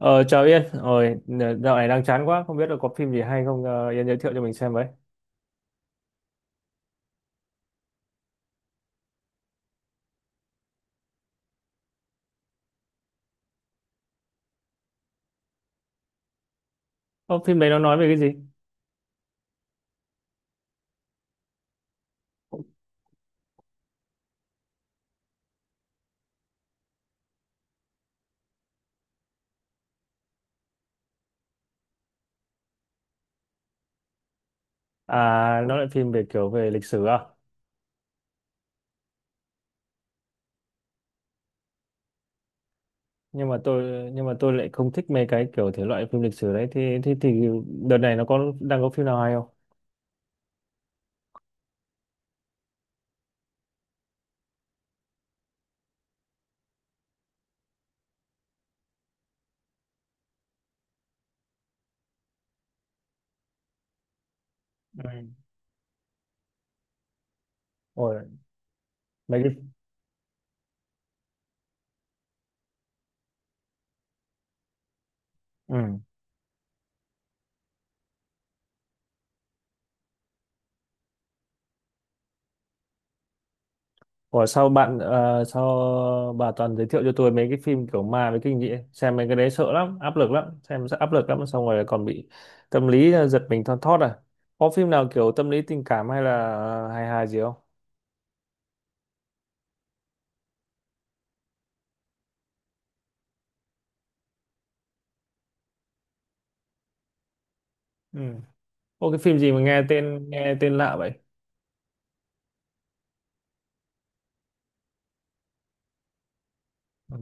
Ờ, Chào Yên, rồi dạo này đang chán quá, không biết là có phim gì hay không, Yên giới thiệu cho mình xem với. Ô, phim đấy nó nói về cái gì? À, nó lại phim về kiểu về lịch sử à? Nhưng mà tôi lại không thích mấy cái kiểu thể loại phim lịch sử đấy. Thì đợt này nó đang có phim nào hay không? Ừ. Ôi, mấy cái, ừ. Ủa sao bà toàn giới thiệu cho tôi mấy cái phim kiểu ma với kinh dị ấy? Xem mấy cái đấy sợ lắm, áp lực lắm, xem rất áp lực lắm, xong rồi còn bị tâm lý, giật mình thon thót à? Có phim nào kiểu tâm lý tình cảm hay là hài hài gì không? Ừ. Ô, cái phim gì mà nghe tên lạ vậy? Ừ.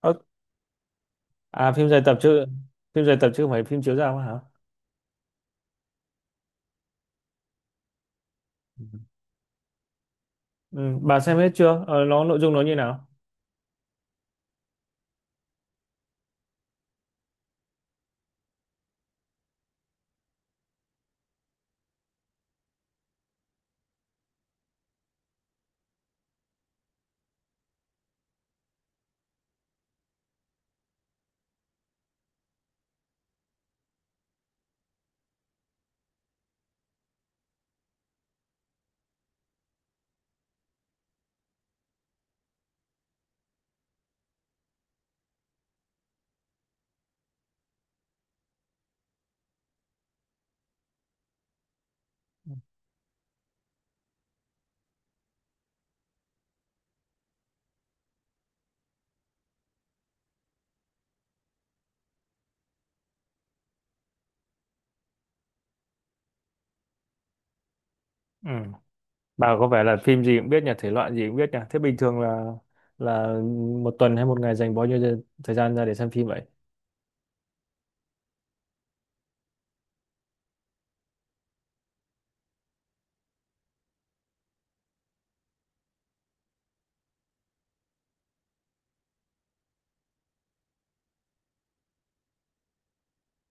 Ơ, À, phim dài tập chứ không phải phim chiếu rạp hả? Ừ. Ừ, bà xem hết chưa? Ờ, nó nội dung nó như nào? Ừ. Bà có vẻ là phim gì cũng biết nhỉ, thể loại gì cũng biết nhỉ. Thế bình thường là một tuần hay một ngày dành bao nhiêu thời gian ra để xem phim vậy?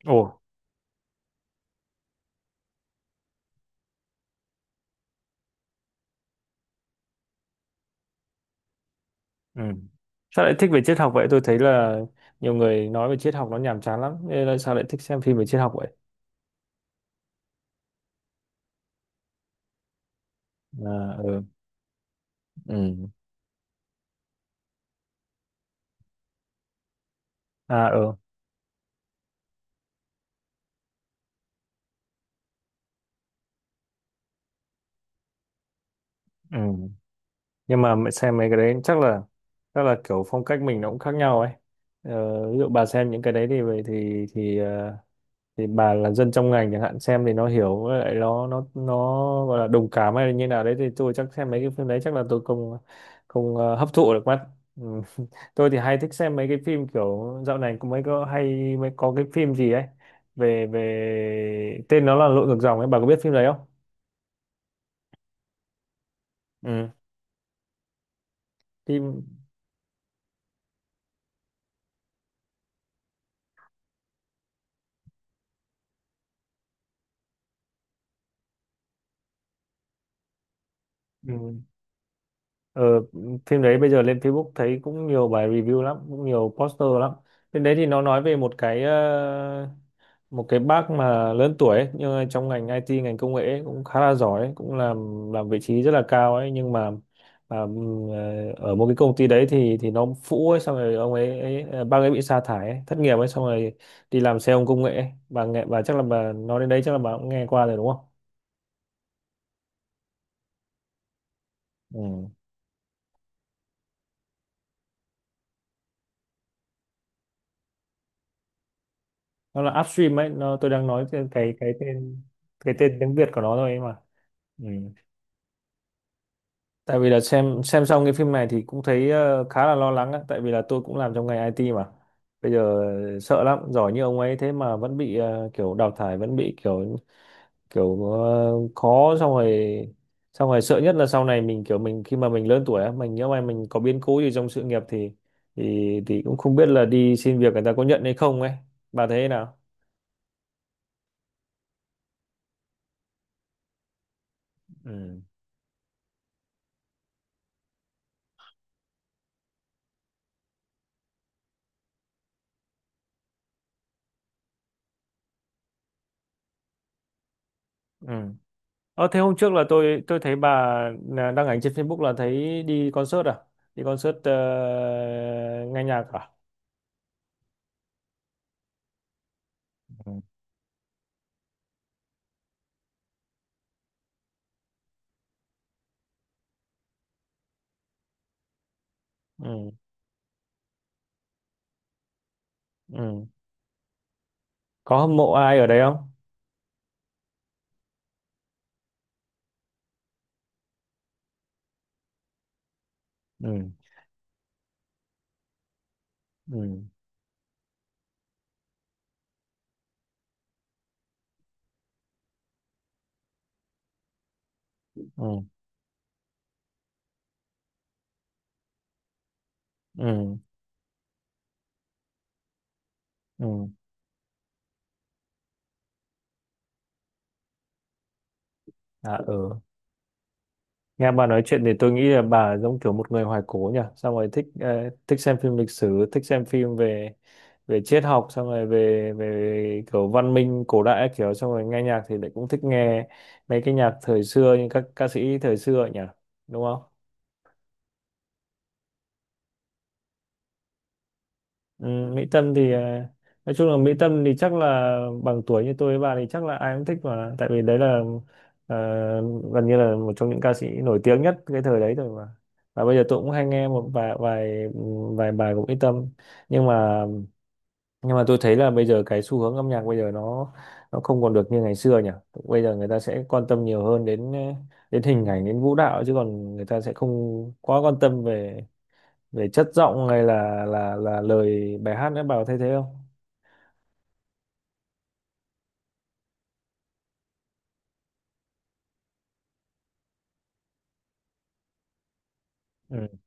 Ồ, ừ. Sao lại thích về triết học vậy? Tôi thấy là nhiều người nói về triết học nó nhàm chán lắm. Nên là sao lại thích xem phim về triết học vậy? À, ừ. Ừ. À, ừ. Ừ. Nhưng mà mẹ xem mấy cái đấy chắc là kiểu phong cách mình nó cũng khác nhau ấy. Ví dụ bà xem những cái đấy thì thì ờ, thì bà là dân trong ngành chẳng hạn, xem thì nó hiểu, với lại nó gọi là đồng cảm hay là như nào đấy, thì tôi chắc xem mấy cái phim đấy chắc là tôi không không ờ, hấp thụ được mắt. Ừ. Tôi thì hay thích xem mấy cái phim kiểu dạo này cũng mới có hay mới có cái phim gì ấy về về tên nó là Lội ngược dòng ấy, bà có biết phim đấy không? Ừ, phim, ừ. Ờ, Phim đấy bây giờ lên Facebook thấy cũng nhiều bài review lắm, cũng nhiều poster lắm. Phim đấy thì nó nói về một cái bác mà lớn tuổi ấy, nhưng mà trong ngành IT, ngành công nghệ ấy, cũng khá là giỏi ấy, cũng làm vị trí rất là cao ấy, nhưng mà ở một cái công ty đấy thì nó phũ ấy, xong rồi ông ấy, ấy ờ, bác ấy bị sa thải ấy, thất nghiệp ấy, xong rồi đi làm xe ôm công nghệ ấy. Bà chắc là bà nói đến đấy chắc là bà cũng nghe qua rồi đúng không? Ừ. Nó là upstream ấy, tôi đang nói cái tên tiếng Việt của nó thôi ấy mà. Ừ. Tại vì là xem xong cái phim này thì cũng thấy khá là lo lắng á, tại vì là tôi cũng làm trong ngành IT mà bây giờ sợ lắm. Giỏi như ông ấy thế mà vẫn bị kiểu đào thải, vẫn bị kiểu kiểu ờ, khó, xong rồi sợ nhất là sau này mình khi mà mình lớn tuổi á, mình nhớ mà mình có biến cố gì trong sự nghiệp thì thì cũng không biết là đi xin việc người ta có nhận hay không ấy. Bà thấy thế nào? Ừ. Ừ. Thế hôm trước là tôi thấy bà là đăng ảnh trên Facebook là thấy đi concert à? Đi concert, nghe nhạc à? Ừ. Ừ, ừ. Có hâm mộ ai ở đấy không? Ừ, ừ, ừ, ừ, ừ. À, ừ. Nghe bà nói chuyện thì tôi nghĩ là bà giống kiểu một người hoài cổ nhỉ, xong rồi thích xem phim lịch sử, thích xem phim về về triết học, xong rồi về về kiểu văn minh cổ đại các kiểu, xong rồi nghe nhạc thì lại cũng thích nghe mấy cái nhạc thời xưa như các ca sĩ thời xưa ấy nhỉ, đúng không? Ừ, Mỹ Tâm thì nói chung là Mỹ Tâm thì chắc là bằng tuổi như tôi với bà thì chắc là ai cũng thích mà, tại vì đấy là ờ, gần như là một trong những ca sĩ nổi tiếng nhất cái thời đấy rồi mà. Và bây giờ tôi cũng hay nghe một vài vài vài bài của Mỹ Tâm. Nhưng mà nhưng mà tôi thấy là bây giờ cái xu hướng âm nhạc bây giờ nó không còn được như ngày xưa nhỉ. Bây giờ người ta sẽ quan tâm nhiều hơn đến đến hình ảnh, đến vũ đạo, chứ còn người ta sẽ không quá quan tâm về về chất giọng hay là lời bài hát nữa. Bà có thấy thế không? Ừ,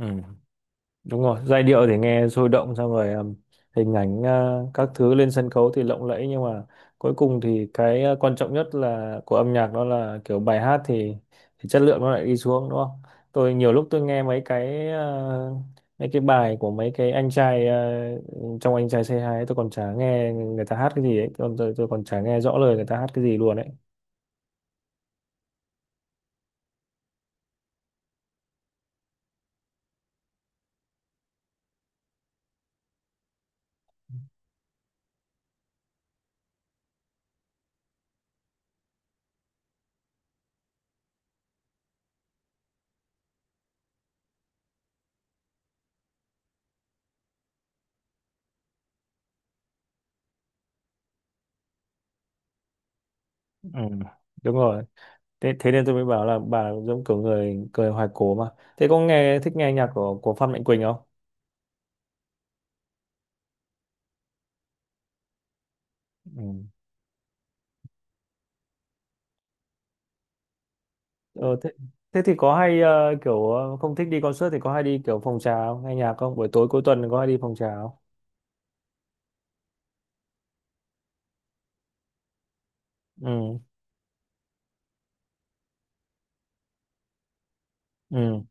ừ, đúng rồi. Giai điệu thì nghe sôi động, xong rồi hình ảnh, các thứ lên sân khấu thì lộng lẫy, nhưng mà cuối cùng thì cái quan trọng nhất là của âm nhạc đó là kiểu bài hát thì chất lượng nó lại đi xuống đúng không? Tôi nhiều lúc tôi nghe mấy cái bài của mấy cái anh trai, trong anh trai say 2 ấy, tôi còn chả nghe người ta hát cái gì ấy, còn tôi còn chả nghe rõ lời người ta hát cái gì luôn ấy. Ừ, đúng rồi. Thế nên tôi mới bảo là bà giống kiểu người người hoài cổ mà. Thế có thích nghe nhạc của Phan Mạnh Quỳnh không? Ừ. ờ, thế, thế thì có hay kiểu, không thích đi concert thì có hay đi kiểu phòng trà không, nghe nhạc không, buổi tối cuối tuần có hay đi phòng trà không? Ừ. Ừ.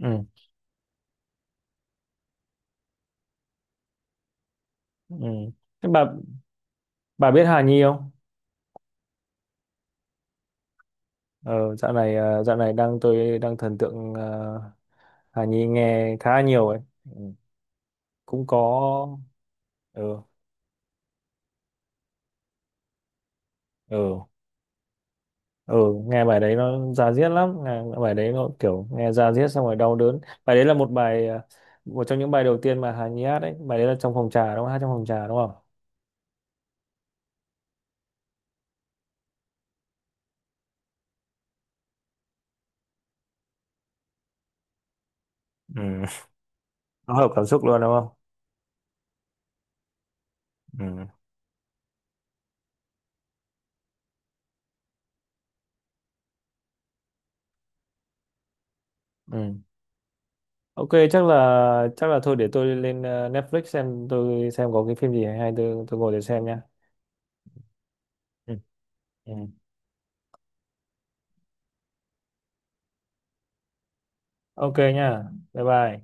Ừ. Ừ. Thế bà biết Hà Nhi không? Ờ, dạo này ờ, dạo này tôi đang thần tượng, Hà Nhi nghe khá nhiều ấy. Ừ, cũng có. Ừ. Ừ. Ừ. Nghe bài đấy nó da diết lắm. Nghe bài đấy nó kiểu nghe da diết xong rồi đau đớn. Bài đấy là một trong những bài đầu tiên mà Hà Nhi hát đấy. Bài đấy là trong phòng trà đúng không? Hát trong phòng trà đúng không? Ừ, nó hợp cảm xúc luôn đúng không? Ừ. Ừ, ok. Chắc là thôi để tôi lên Netflix tôi xem có cái phim gì hay hay tôi ngồi để xem nha. Ừ, ừ. Ok nha, bye bye.